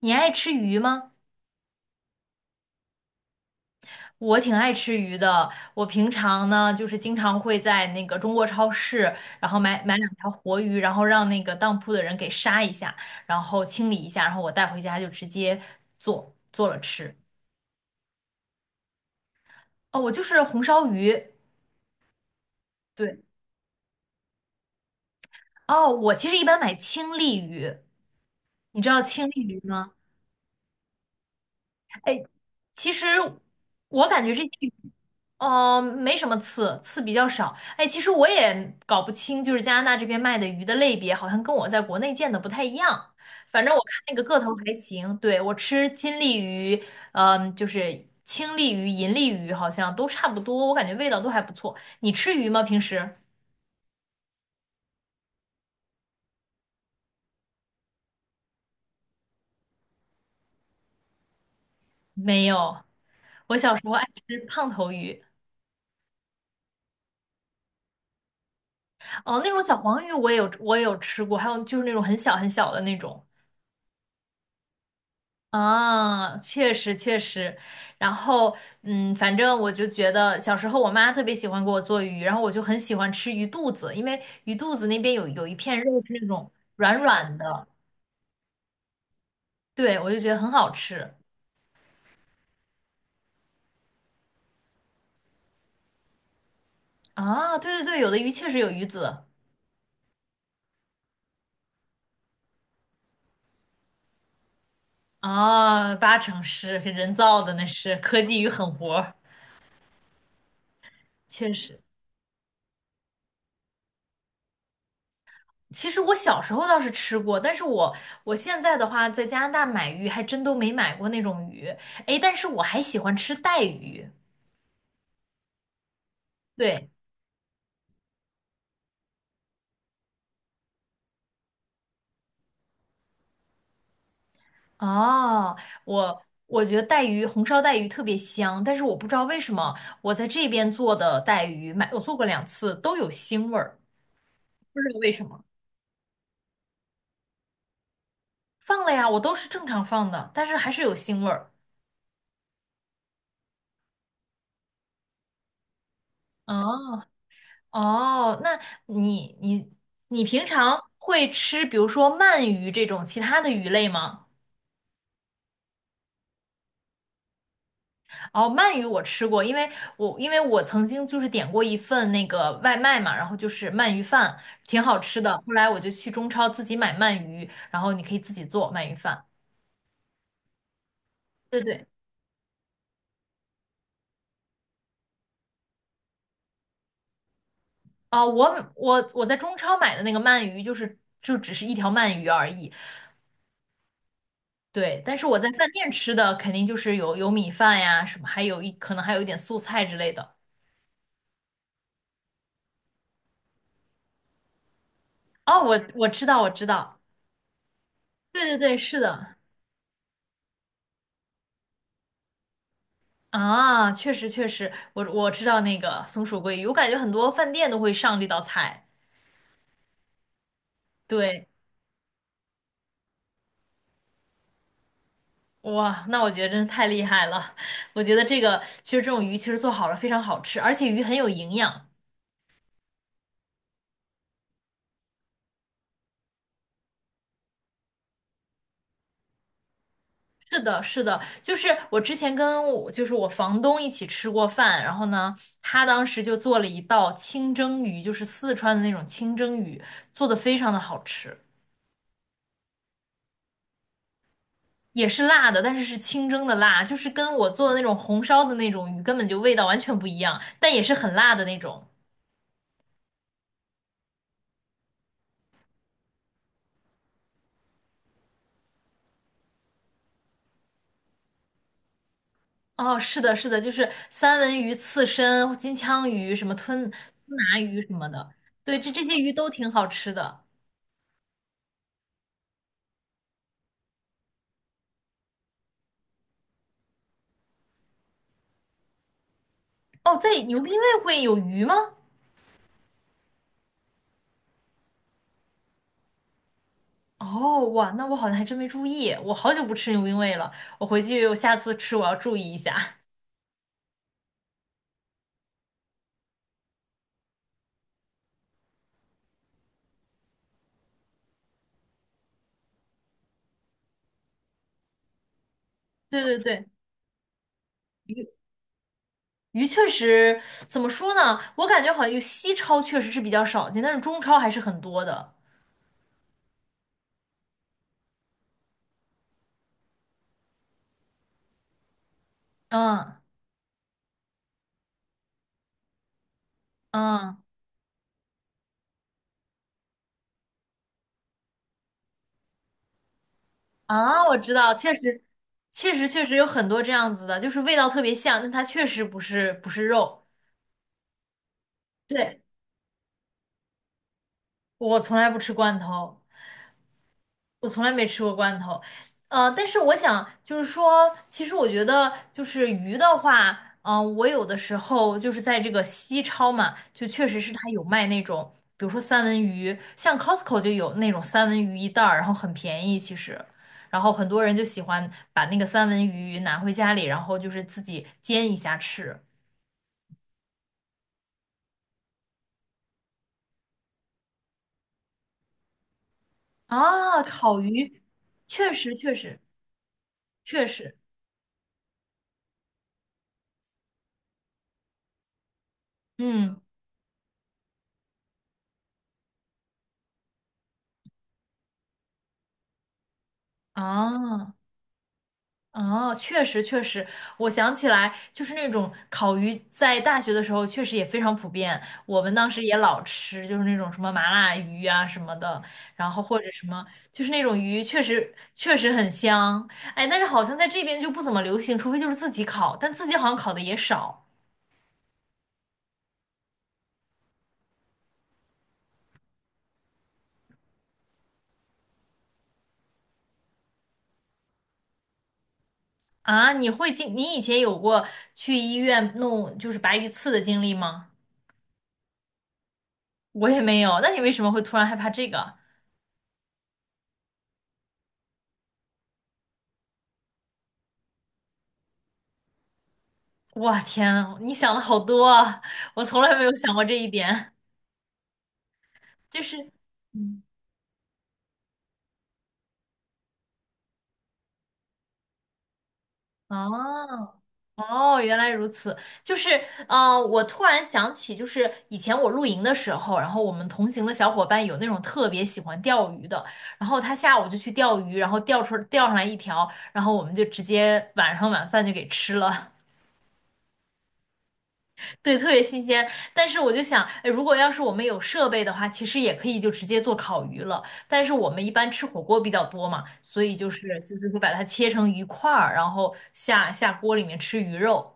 你爱吃鱼吗？我挺爱吃鱼的。我平常呢，就是经常会在那个中国超市，然后买两条活鱼，然后让那个当铺的人给杀一下，然后清理一下，然后我带回家就直接做了吃。哦，我就是红烧鱼。对，哦，我其实一般买青鲤鱼，你知道青鲤鱼吗？哎，其实我感觉这些，嗯、没什么刺，刺比较少。哎，其实我也搞不清，就是加拿大这边卖的鱼的类别，好像跟我在国内见的不太一样。反正我看那个个头还行，对，我吃金鲤鱼，嗯、就是青鲤鱼、银鲤鱼，好像都差不多，我感觉味道都还不错。你吃鱼吗？平时？没有，我小时候爱吃胖头鱼，哦，那种小黄鱼我也有，我也有吃过，还有就是那种很小很小的那种。啊，确实确实，然后嗯，反正我就觉得小时候我妈特别喜欢给我做鱼，然后我就很喜欢吃鱼肚子，因为鱼肚子那边有一片肉是那种软软的，对，我就觉得很好吃啊。对对对，有的鱼确实有鱼籽啊，八成是人造的，那是科技鱼狠活儿确实。其实我小时候倒是吃过，但是我现在的话在加拿大买鱼还真都没买过那种鱼，诶，但是我还喜欢吃带鱼。对，哦，我觉得带鱼红烧带鱼特别香，但是我不知道为什么我在这边做的带鱼，买我做过两次都有腥味儿，不知道为什么。放了呀，我都是正常放的，但是还是有腥味儿。哦哦，那你你平常会吃，比如说鳗鱼这种其他的鱼类吗？哦，鳗鱼我吃过，因为我曾经就是点过一份那个外卖嘛，然后就是鳗鱼饭，挺好吃的。后来我就去中超自己买鳗鱼，然后你可以自己做鳗鱼饭。对对，啊、我在中超买的那个鳗鱼就是就只是一条鳗鱼而已，对。但是我在饭店吃的肯定就是有米饭呀什么，还有一可能还有一点素菜之类的。哦，我我知道，对对对，是的。啊，确实确实，我知道那个松鼠桂鱼，我感觉很多饭店都会上这道菜。对，哇，那我觉得真是太厉害了。我觉得这个其实这种鱼其实做好了非常好吃，而且鱼很有营养。是的，是的，就是我之前跟我就是我房东一起吃过饭，然后呢，他当时就做了一道清蒸鱼，就是四川的那种清蒸鱼，做的非常的好吃。也是辣的，但是是清蒸的辣，就是跟我做的那种红烧的那种鱼根本就味道完全不一样，但也是很辣的那种。哦，是的，是的，就是三文鱼、刺身、金枪鱼、什么拿鱼什么的，对，这些鱼都挺好吃的。哦，在牛冰味会有鱼吗？哦，哇，那我好像还真没注意，我好久不吃牛冰味了，我回去我下次吃我要注意一下。对对对，鱼确实怎么说呢？我感觉好像有西超确实是比较少见，但是中超还是很多的。嗯嗯啊，我知道，确实确实有很多这样子的，就是味道特别像，但它确实不是肉。对，我从来不吃罐头。我从来没吃过罐头，呃，但是我想就是说，其实我觉得就是鱼的话，嗯、我有的时候就是在这个西超嘛，就确实是它有卖那种，比如说三文鱼，像 Costco 就有那种三文鱼一袋儿，然后很便宜其实，然后很多人就喜欢把那个三文鱼拿回家里，然后就是自己煎一下吃。啊，烤鱼，确实确实确实，嗯，啊。哦，确实确实，我想起来，就是那种烤鱼，在大学的时候确实也非常普遍，我们当时也老吃，就是那种什么麻辣鱼啊什么的，然后或者什么，就是那种鱼确实确实很香，哎，但是好像在这边就不怎么流行，除非就是自己烤，但自己好像烤的也少啊。你会经，你以前有过去医院弄就是白鱼刺的经历吗？我也没有，那你为什么会突然害怕这个？哇天啊你想的好多啊，我从来没有想过这一点。就是，嗯，哦哦，原来如此。就是，嗯、我突然想起，就是以前我露营的时候，然后我们同行的小伙伴有那种特别喜欢钓鱼的，然后他下午就去钓鱼，然后钓上来一条，然后我们就直接晚上晚饭就给吃了。对，特别新鲜。但是我就想，哎如果要是我们有设备的话，其实也可以就直接做烤鱼了。但是我们一般吃火锅比较多嘛，所以就是会把它切成鱼块儿，然后下锅里面吃鱼肉。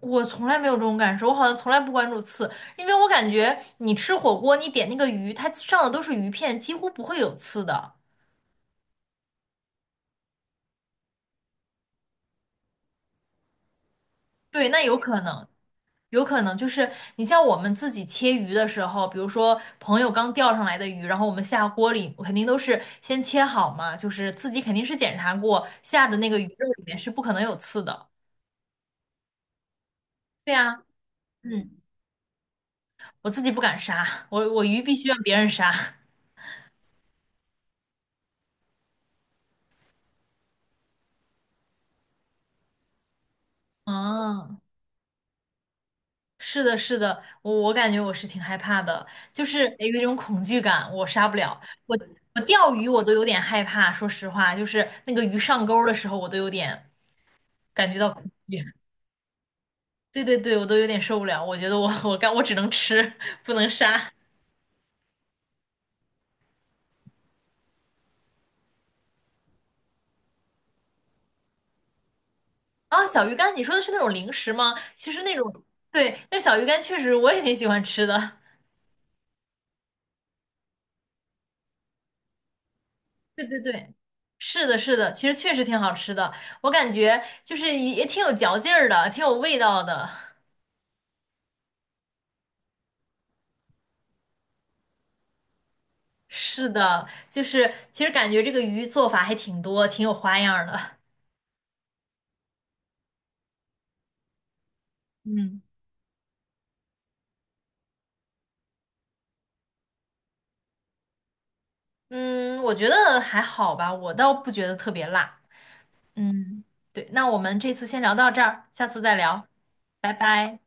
我从来没有这种感受，我好像从来不关注刺，因为我感觉你吃火锅，你点那个鱼，它上的都是鱼片，几乎不会有刺的。对，那有可能。有可能就是你像我们自己切鱼的时候，比如说朋友刚钓上来的鱼，然后我们下锅里肯定都是先切好嘛，就是自己肯定是检查过下的那个鱼肉里面是不可能有刺的。对呀，嗯，我自己不敢杀，我鱼必须让别人杀。嗯，是的，是的，我感觉我是挺害怕的，就是有一种恐惧感，我杀不了。我我钓鱼我都有点害怕，说实话，就是那个鱼上钩的时候，我都有点感觉到恐惧。对对对，我都有点受不了，我觉得我 我干我只能吃，不能杀。啊，小鱼干，你说的是那种零食吗？其实那种，对，那小鱼干确实我也挺喜欢吃的。对对对，是的，是的，其实确实挺好吃的，我感觉就是也挺有嚼劲儿的，挺有味道的。是的，就是其实感觉这个鱼做法还挺多，挺有花样儿的。嗯嗯，我觉得还好吧，我倒不觉得特别辣。嗯，对，那我们这次先聊到这儿，下次再聊，拜拜。